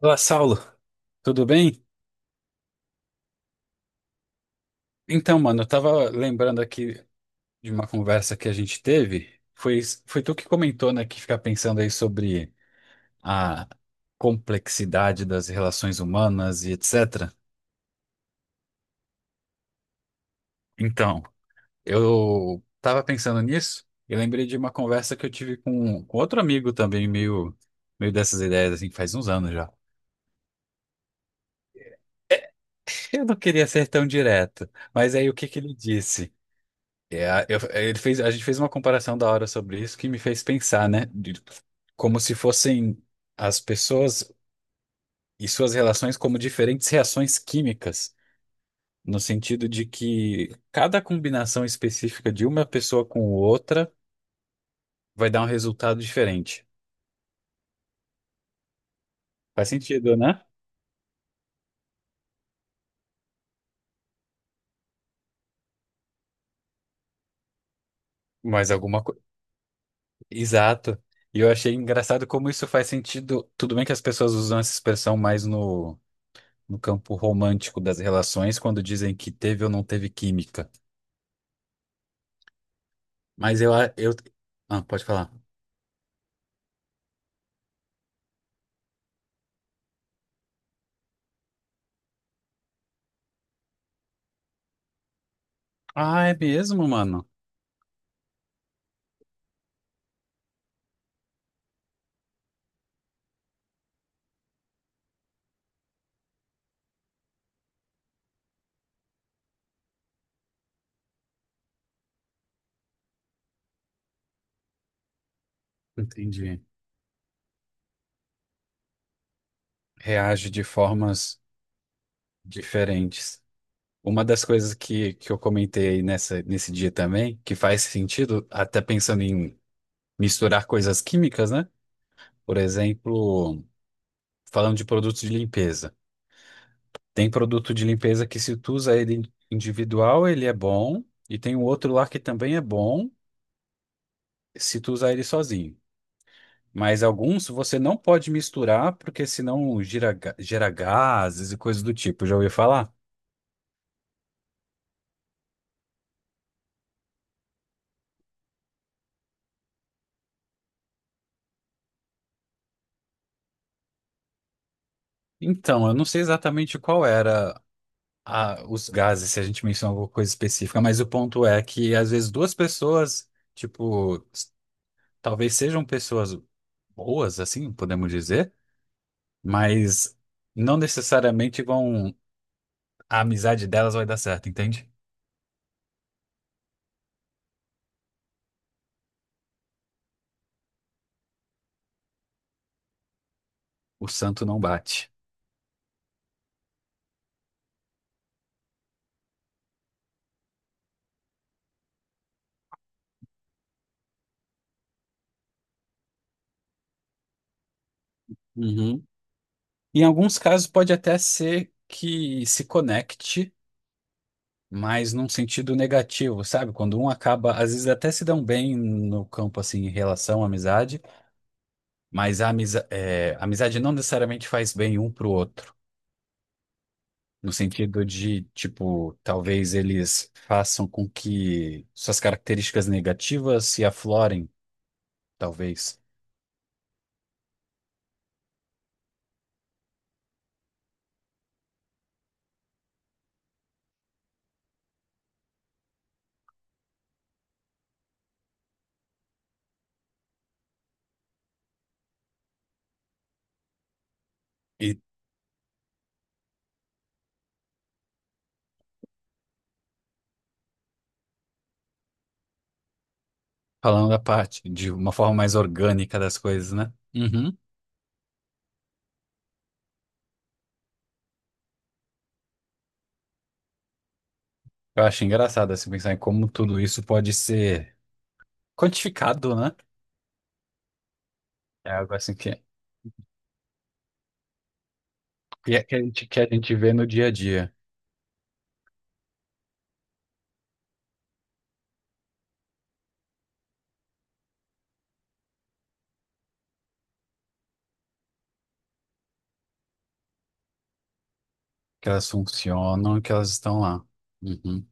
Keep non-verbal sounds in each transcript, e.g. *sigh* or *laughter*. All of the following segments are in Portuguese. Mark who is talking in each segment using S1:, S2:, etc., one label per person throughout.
S1: Olá, Saulo, tudo bem? Então, mano, eu tava lembrando aqui de uma conversa que a gente teve. Foi tu que comentou, né, que ficar pensando aí sobre a complexidade das relações humanas e etc. Então, eu tava pensando nisso e lembrei de uma conversa que eu tive com outro amigo também, meio dessas ideias, assim, faz uns anos já. *laughs* Eu não queria ser tão direto, mas aí o que que ele disse? Ele fez, a gente fez uma comparação da hora sobre isso que me fez pensar, né? De, como se fossem as pessoas e suas relações como diferentes reações químicas, no sentido de que cada combinação específica de uma pessoa com outra vai dar um resultado diferente. Faz sentido, né? Mas alguma coisa. Exato. E eu achei engraçado como isso faz sentido. Tudo bem que as pessoas usam essa expressão mais no campo romântico das relações, quando dizem que teve ou não teve química. Mas eu... Ah, pode falar. Ah, é mesmo, mano? Entendi. Reage de formas diferentes. Uma das coisas que eu comentei aí nesse dia também, que faz sentido, até pensando em misturar coisas químicas, né? Por exemplo, falando de produtos de limpeza. Tem produto de limpeza que se tu usa ele individual, ele é bom, e tem um outro lá que também é bom, se tu usar ele sozinho. Mas alguns você não pode misturar, porque senão gira, gera gases e coisas do tipo. Já ouviu falar? Então, eu não sei exatamente qual era os gases, se a gente mencionou alguma coisa específica, mas o ponto é que às vezes duas pessoas, tipo, talvez sejam pessoas boas, assim, podemos dizer, mas não necessariamente vão, a amizade delas vai dar certo, entende? O santo não bate. Uhum. Em alguns casos pode até ser que se conecte, mas num sentido negativo, sabe? Quando um acaba, às vezes até se dão bem no campo assim em relação à amizade, mas a amizade não necessariamente faz bem um pro outro. No sentido de, tipo, talvez eles façam com que suas características negativas se aflorem, talvez. E falando da parte de uma forma mais orgânica das coisas, né? Uhum. Eu acho engraçado assim pensar em como tudo isso pode ser quantificado, né? É algo assim que a gente vê no dia a dia, que elas funcionam, que elas estão lá. Uhum.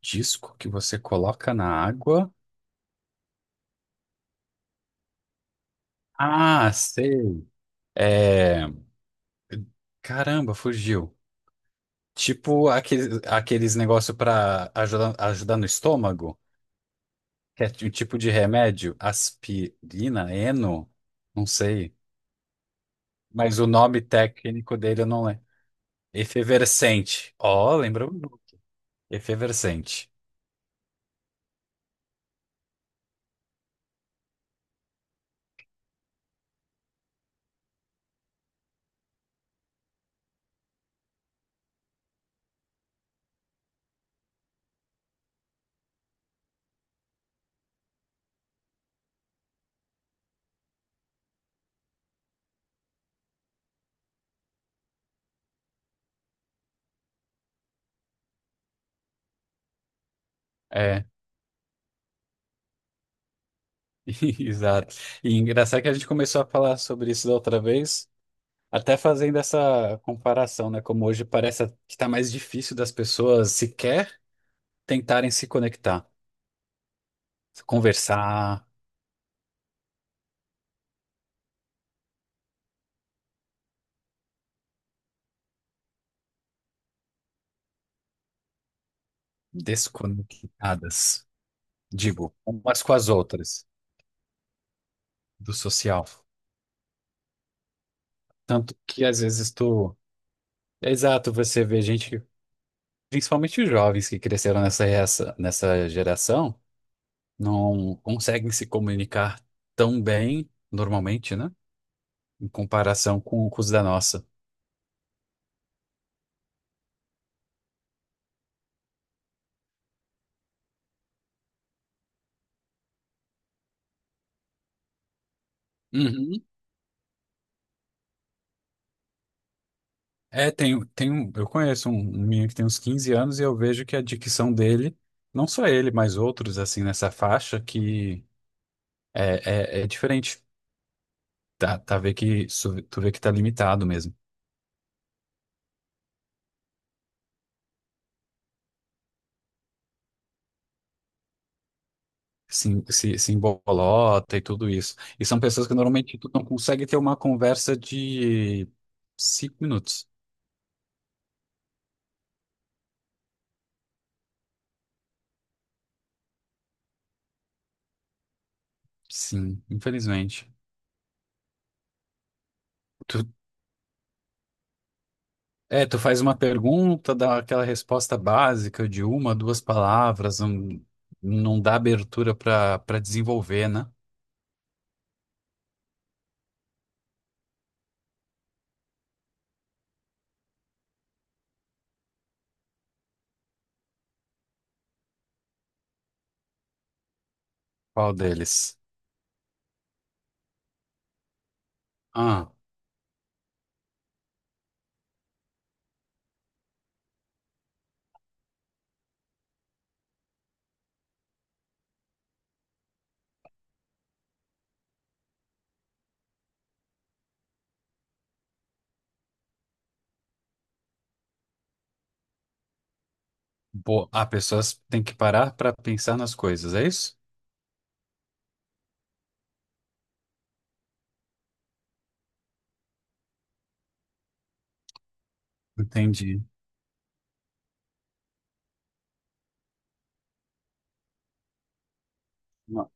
S1: Disco que você coloca na água. Ah, sei. É... Caramba, fugiu. Tipo aqueles negócios para ajudar no estômago, que é um tipo de remédio, aspirina, eno, não sei. Mas o nome técnico dele eu não lembro. Efervescente. Ó, lembra o nome. Efervescente. É, *laughs* exato. E engraçado que a gente começou a falar sobre isso da outra vez, até fazendo essa comparação, né? Como hoje parece que tá mais difícil das pessoas sequer tentarem se conectar, conversar desconectadas, digo, umas com as outras, do social. Tanto que às vezes tu. É, exato, você vê gente, principalmente os jovens que cresceram nessa geração, não conseguem se comunicar tão bem, normalmente, né? Em comparação com os da nossa. Uhum. É, tem um, eu conheço um menino que tem uns 15 anos e eu vejo que a dicção dele, não só ele, mas outros, assim, nessa faixa, que é diferente. Tu vê que tá limitado mesmo. Se embolota e tudo isso. E são pessoas que normalmente tu não consegue ter uma conversa de cinco minutos. Sim, infelizmente. Tu Tu faz uma pergunta, dá aquela resposta básica de uma, duas palavras, não dá abertura para desenvolver, né? Qual deles? Ah, boa. Ah, pessoas têm que parar para pensar nas coisas, é isso? Entendi. Não,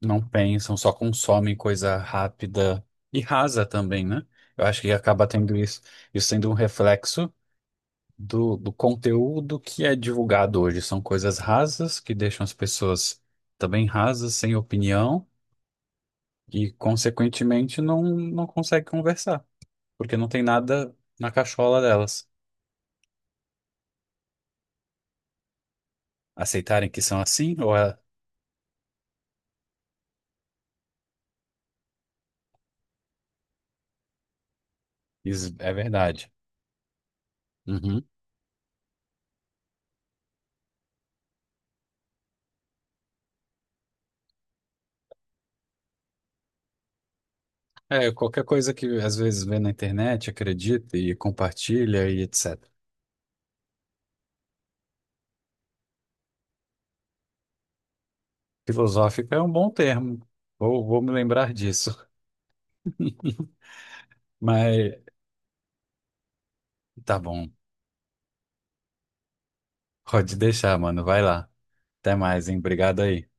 S1: não pensam, só consomem coisa rápida e rasa também, né? Eu acho que acaba tendo isso sendo um reflexo do conteúdo que é divulgado hoje. São coisas rasas que deixam as pessoas também rasas, sem opinião. E, consequentemente, não consegue conversar, porque não tem nada na cachola delas. Aceitarem que são assim ou é, é verdade? Uhum. É, qualquer coisa que às vezes vê na internet, acredita e compartilha e etc. Filosófico é um bom termo. Vou me lembrar disso. *laughs* Mas tá bom, pode deixar, mano. Vai lá. Até mais, hein? Obrigado aí.